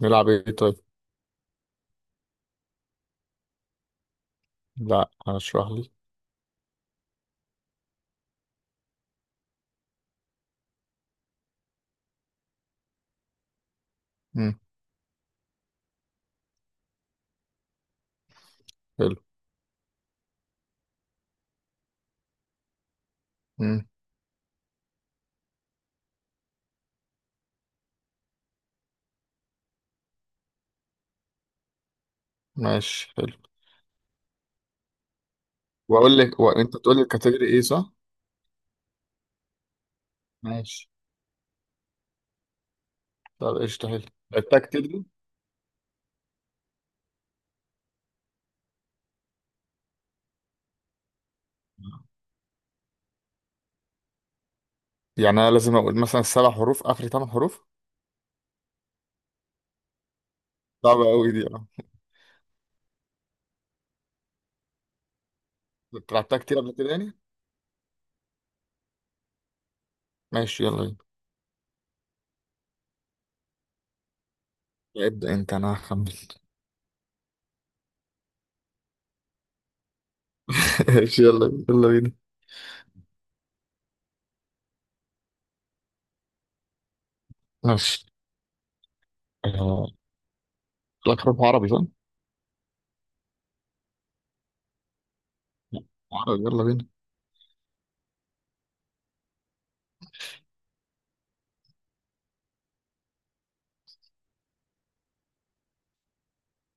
نلعب ايه طيب؟ لا، هشرح لي. امم. حلو. امم. ماشي، حلو. واقول لك وانت تقول لي الكاتيجوري ايه، صح؟ ماشي، طب قشطه، حلو. لعبتها كتير دي. يعني انا لازم اقول مثلا 7 حروف اخر 8 حروف؟ صعبه قوي دي، اه. انت لعبتها كتير قبل كده يعني؟ ماشي، يلا بينا. ابدا انت، انا هخمن. ماشي، يلا بينا، يلا بينا. ماشي. آه، لك حروف عربي، صح؟ عربي، يلا بينا.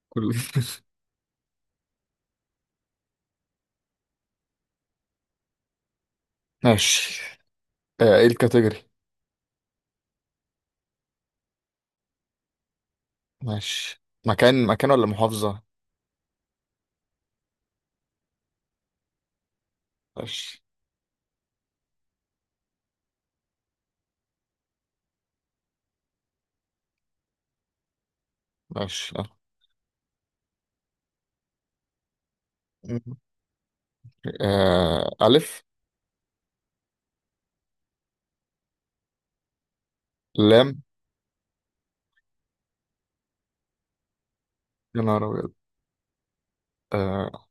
كل. ماشي. آه، ايه الكاتيجوري؟ ماشي، مكان، مكان ولا محافظة؟ ماشي. ماشي. آه، ألف. لام. يا نهار أبيض. آه.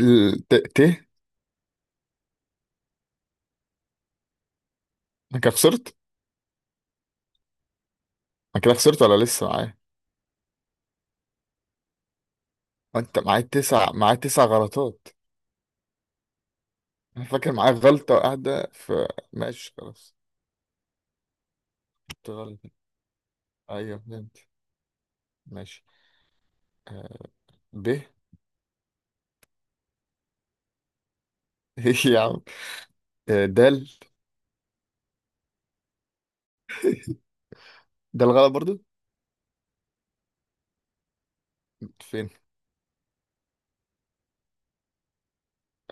ت ت. أنا كده خسرت؟ أنا كده خسرت ولا لسه معايا؟ أنت معايا تسع، معايا 9 غلطات؟ أنا فاكر معايا غلطة قاعدة في. ماشي، خلاص. كنت غلط. أيوه، فهمت. ماشي. آه. ب. إيه يا عم؟ آه، دال. دال غلط برضو؟ فين؟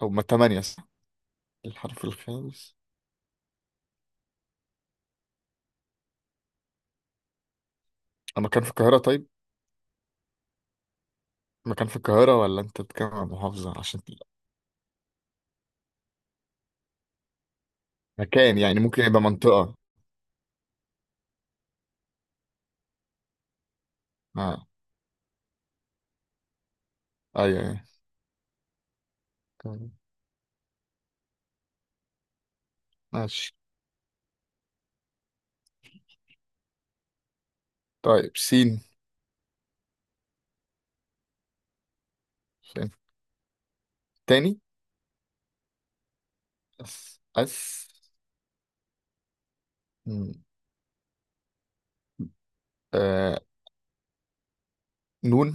أو ما 8 صح؟ الحرف الخامس؟ أنا كان في القاهرة طيب؟ مكان في القاهرة ولا أنت بتتكلم عن محافظة، عشان. مكان، يعني ممكن يبقى منطقة؟ آه. أيوه. أيوه. ماشي. طيب، سين. فين؟ تاني؟ اس اس. م، آه، نون.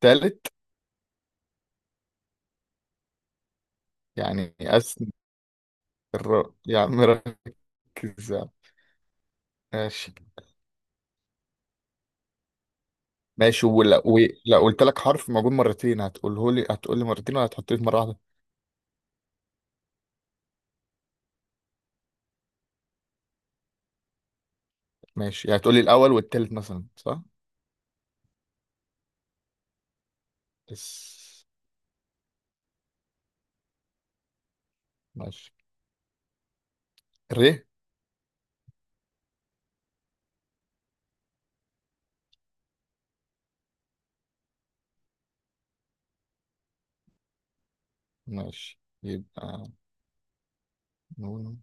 تالت؟ يعني اس. يا عم ركز. يا عم. ماشي. ماشي ولا لا، قلت لك حرف موجود مرتين، هتقوله لي، هتقول لي مرتين ولا هتحط لي في مره واحده؟ ماشي، يعني هتقول لي الاول والتالت مثلا، صح؟ اس. ماشي. ر. ماشي، يبقى. نون.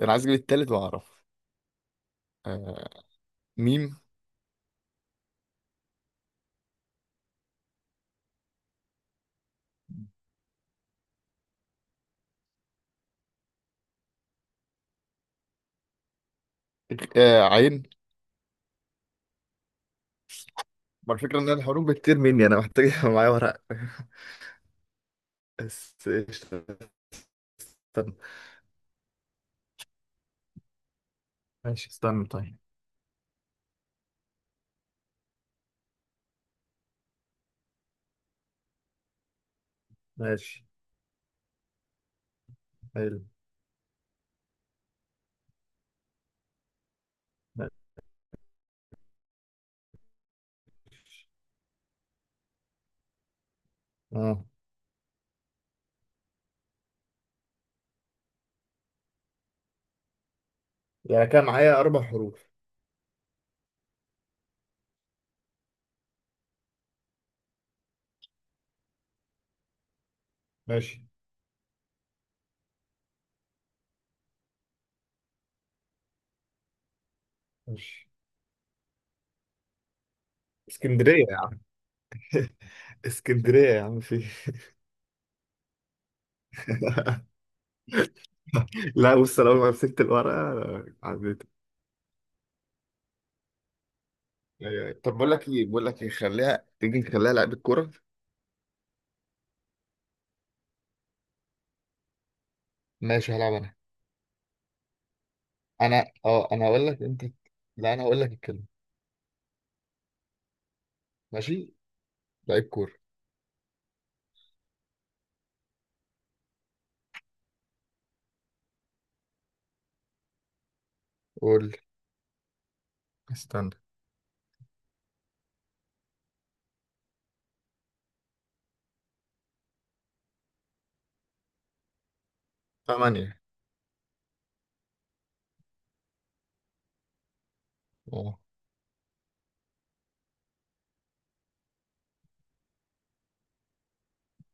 انا عايز اجيب التالت واعرف. آه، ميم. آه، عين. ما الفكرة إن أنا الحروف بكتير مني، أنا محتاج يبقى معايا ورق. بس قشطة. استنى. ماشي، استنى طيب. ماشي، حلو، اه. يعني كان معايا 4 حروف؟ ماشي. ماشي. اسكندرية يا عم. اسكندرية يا عم في. لا بص، لو ما مسكت الورقة عديت. أيوة، أيوة. طب بقول لك ايه، بقول لك ايه، خليها تيجي، نخليها لعبة كورة. ماشي، هلعب انا. انا هقول لك انت. لا، انا هقول لك الكلمة. ماشي. لعيب كورة. قول لي. استنى. 8. اه.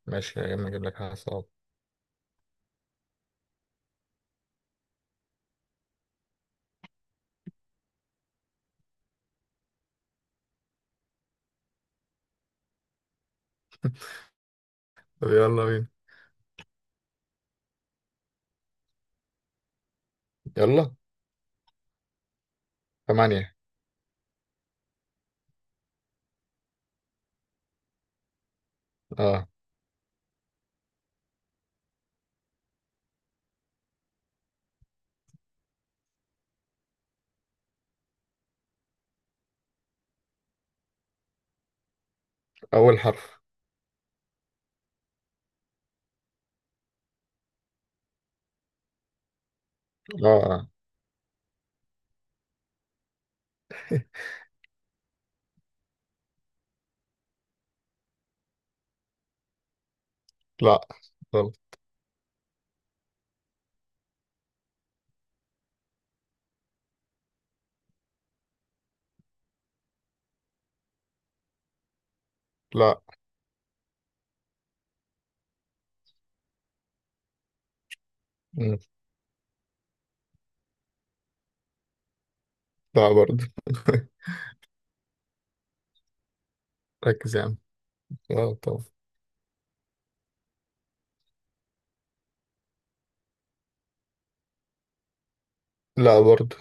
ماشي، يا اما اجيب لك حاجة صعبة. طب، يلا بينا. يلا. 8. اه. اول حرف. لا. آه. لا، غلط. لا. مم. لا برضه. ركز يا عم. لا طبعا. لا برضه.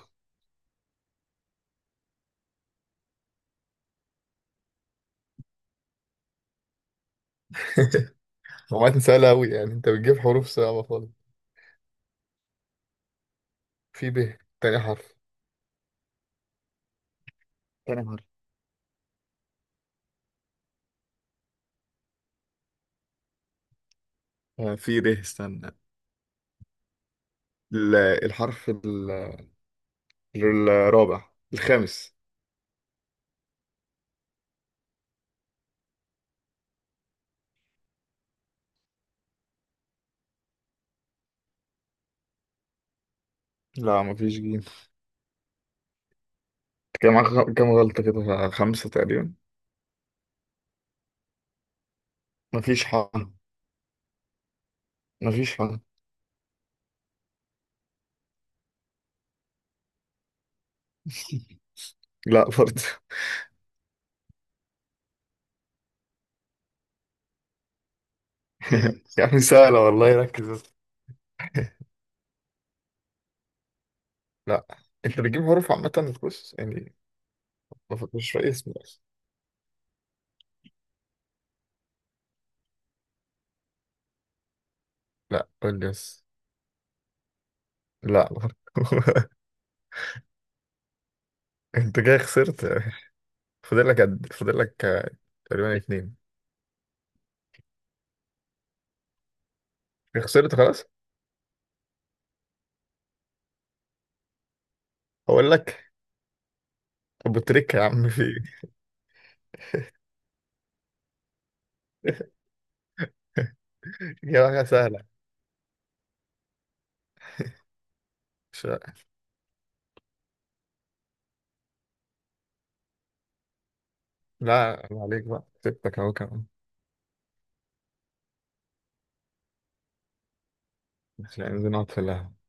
هو انت سهلة أوي يعني؟ انت بتجيب حروف صعبة خالص. في ب، تاني حرف. تاني حرف. آه، في ب، استنى. ال- الحرف الرابع، الخامس. لا، مفيش جيم. كام غلطة كده، 5 تقريبا. مفيش ح. مفيش ح. لا برضه. يعني سهلة والله، ركز بس. لا، انت بتجيب حروف عامة، بص يعني. ما فكرش في اسمي أصلا. لا، قول لي بس. لا، ما فكر- انت جاي خسرت. فاضل لك قد، فاضل لك آه، تقريبا 2. خسرت خلاص. هقول لك. ابو تريكة يا عم، في. إيه؟ يا حاجة سهلة. مش. لا، ما عليك، بقى سبتك اهو كمان. عشان نقعد في القهوة.